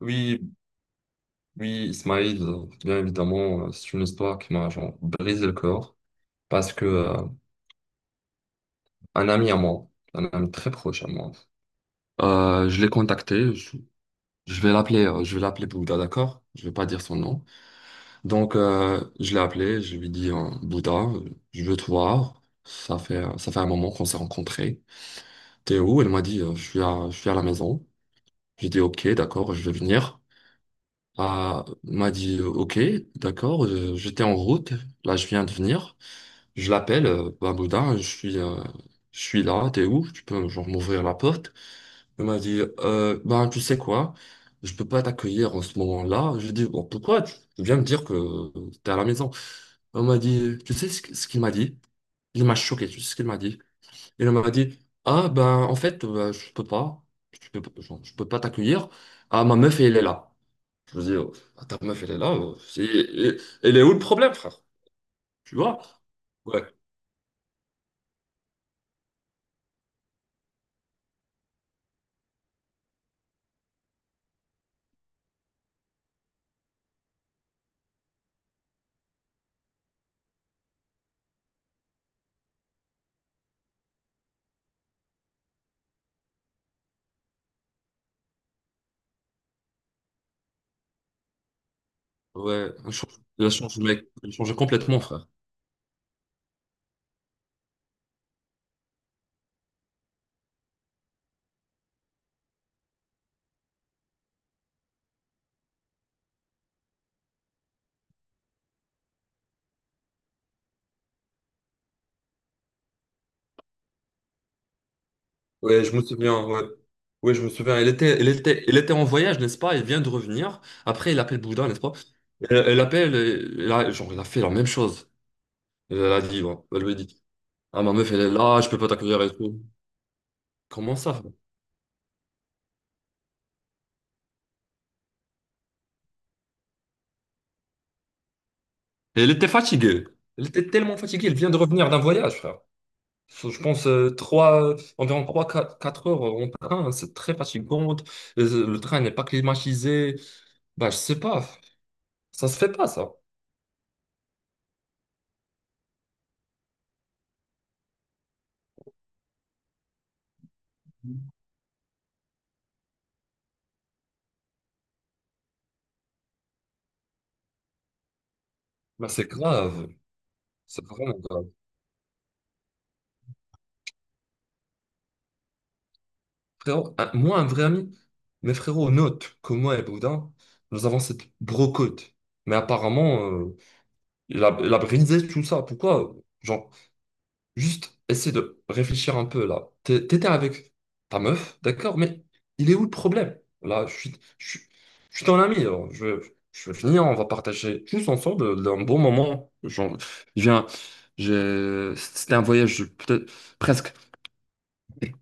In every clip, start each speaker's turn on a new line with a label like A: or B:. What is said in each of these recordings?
A: Oui, oui, Ismail, bien évidemment, c'est une histoire qui m'a genre brisé le corps parce que un ami à moi, un ami très proche à moi, je l'ai contacté, je vais l'appeler Bouddha, d'accord? Je vais pas dire son nom. Donc, je l'ai appelé, je lui ai dit, Bouddha, je veux te voir. Ça fait un moment qu'on s'est rencontrés. T'es où? Elle m'a dit, je suis à la maison. J'ai dit, ok, d'accord, je vais venir. Ah, il m'a dit OK, d'accord, j'étais en route, là je viens de venir. Je l'appelle, Bah, Boudin, je suis là, t'es où? Tu peux genre m'ouvrir la porte. Il m'a dit ben tu sais quoi, je peux pas t'accueillir en ce moment-là. Je lui ai dit bon pourquoi? Tu viens me dire que t'es à la maison. Il m'a dit tu sais ce qu'il m'a dit? Il m'a choqué, tu sais ce qu'il m'a dit? Il m'a dit ah ben en fait je peux, pas- genre, je peux pas t'accueillir. Ah ma meuf elle est là. Je me dis, oh, bah, ta meuf, elle est là. Elle est où le problème, frère? Tu vois? Ouais, ouais. Elle change, mec. Elle change complètement, frère. Ouais, je me souviens, ouais. Ouais, je me souviens. Elle était en voyage, n'est-ce pas? Elle vient de revenir. Après, elle appelle Bouddha, n'est-ce pas? Elle a genre, elle a fait la même chose. Elle a dit, ouais. Elle lui a dit, ah, ma meuf, elle est là, je peux pas t'accueillir et tout. Comment ça, frère? Et elle était fatiguée. Elle était tellement fatiguée, elle vient de revenir d'un voyage, frère. Je pense environ 3 4 heures en train, hein, c'est très fatigant. Le train n'est pas climatisé. Bah, je sais pas, ça se fait pas ça. Bah, c'est grave, c'est vraiment grave. Frérot, moi, un vrai ami, mes frérots notent que moi et Boudin, nous avons cette brocode. Mais apparemment, il a brisé tout ça. Pourquoi? Genre, Juste essayer de réfléchir un peu là. T'étais avec ta meuf, d'accord, mais il est où le problème? Là, je suis, je suis, je suis ton ami, je veux finir, on va partager tous ensemble un bon moment. Genre, je viens, c'était un voyage peut-être presque.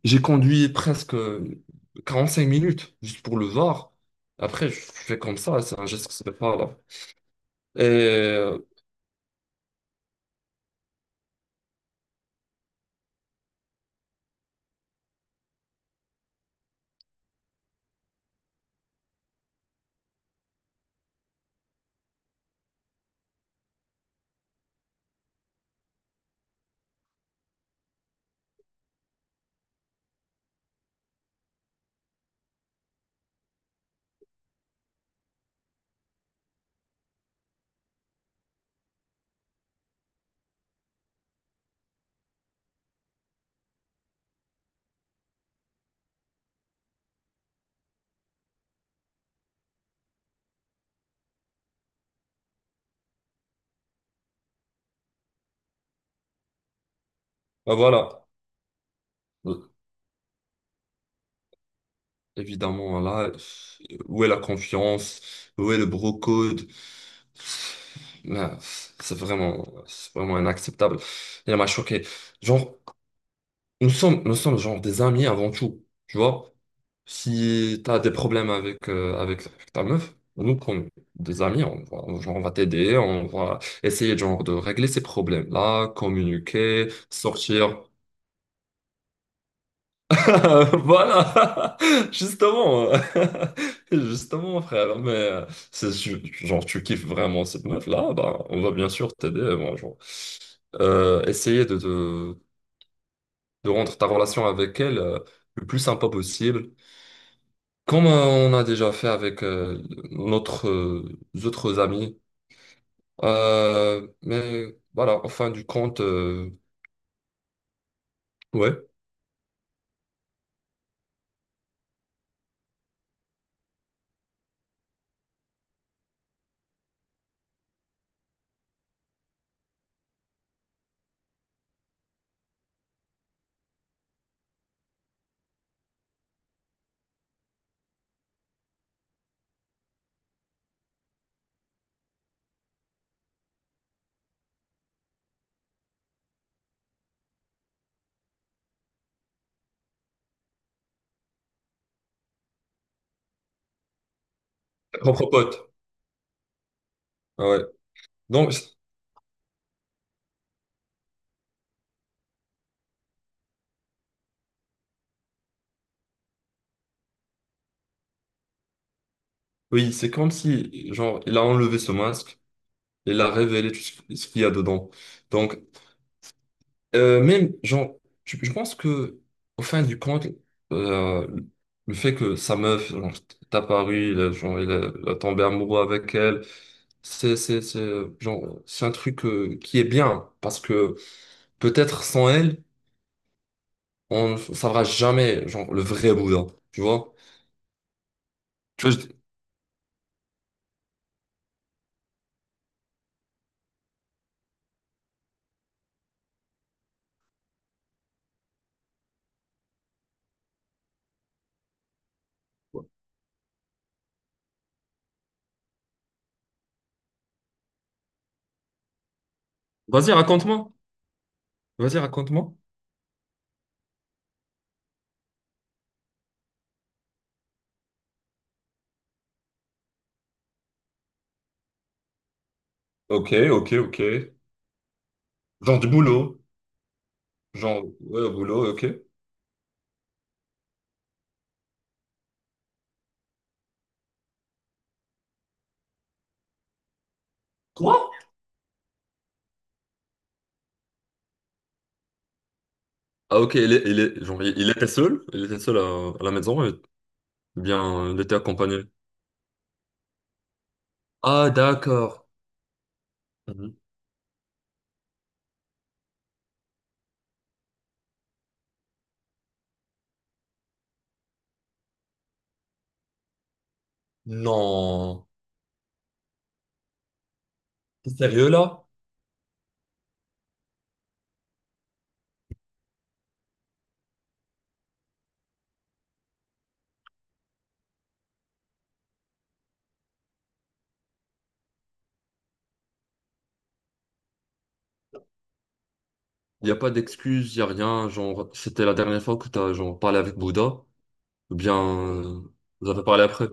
A: J'ai conduit presque 45 minutes juste pour le voir. Après, je fais comme ça, c'est un geste que ça fait pas là. Et bah, voilà. Évidemment, là, où est la confiance? Où est le bro code? Là, c'est vraiment inacceptable. Il m'a choqué. Genre, nous sommes genre des amis avant tout. Tu vois, si t'as des problèmes avec ta meuf, nous, comme des amis, on va genre, on va t'aider, on va essayer genre de régler ces problèmes-là, communiquer, sortir. Voilà, justement, euh, justement, frère, mais genre tu kiffes vraiment cette meuf-là, bah, on va bien sûr t'aider, bon, genre, essayer de rendre ta relation avec elle le plus sympa possible, comme on a déjà fait avec notre, autres amis. Mais voilà, en fin du compte, ouais, propre pote. Ah ouais. Donc, oui, c'est comme si genre, il a enlevé ce masque. Il a révélé tout ce qu'il y a dedans. Donc, même genre, je pense que, au fin du compte, euh, le fait que sa meuf genre, est apparue, il a, genre, il a tombé amoureux avec elle, genre, c'est un truc, qui est bien, parce que peut-être sans elle, on ne saura jamais genre, le vrai Bouddha, tu vois? Tu vois, je- Vas-y, raconte-moi. Vas-y, raconte-moi. Ok, ok, ok. Genre du boulot. Genre, ouais, au boulot, ok. Ah ok, genre, il était seul, il était seul à la maison, et bien, il était accompagné. Ah d'accord. Mhm. Non. T'es sérieux là? Il n'y a pas d'excuse, il n'y a rien, genre, c'était la dernière fois que t'as genre parlé avec Bouddha, ou bien, vous avez parlé après.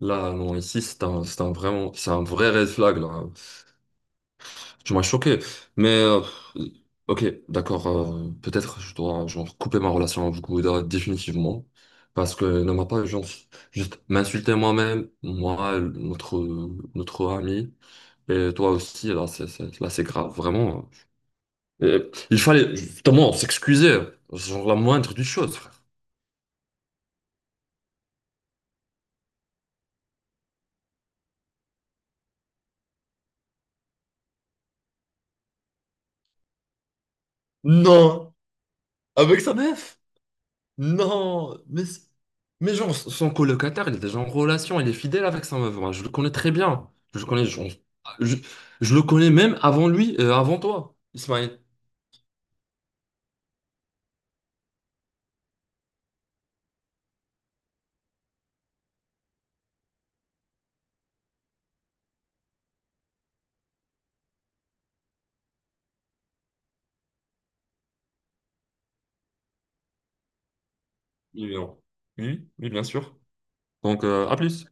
A: Là, non, ici, c'est un vrai red flag, là. Tu m'as choqué, mais ok, d'accord. Peut-être je dois genre couper ma relation avec Gouda définitivement parce que ne m'a pas genre, juste m'insulter moi-même, moi, notre ami et toi aussi. Là, là, c'est grave, vraiment. Et il fallait justement s'excuser, genre la moindre des choses, frère. Non, avec sa meuf. Non, mais, mais genre, son colocataire, il est déjà en relation, il est fidèle avec sa meuf. Moi, je le connais très bien. Je le connais, genre, je, je le connais même avant lui, avant toi, Ismaël. Oui, oui, oui, bien sûr. Donc, à plus.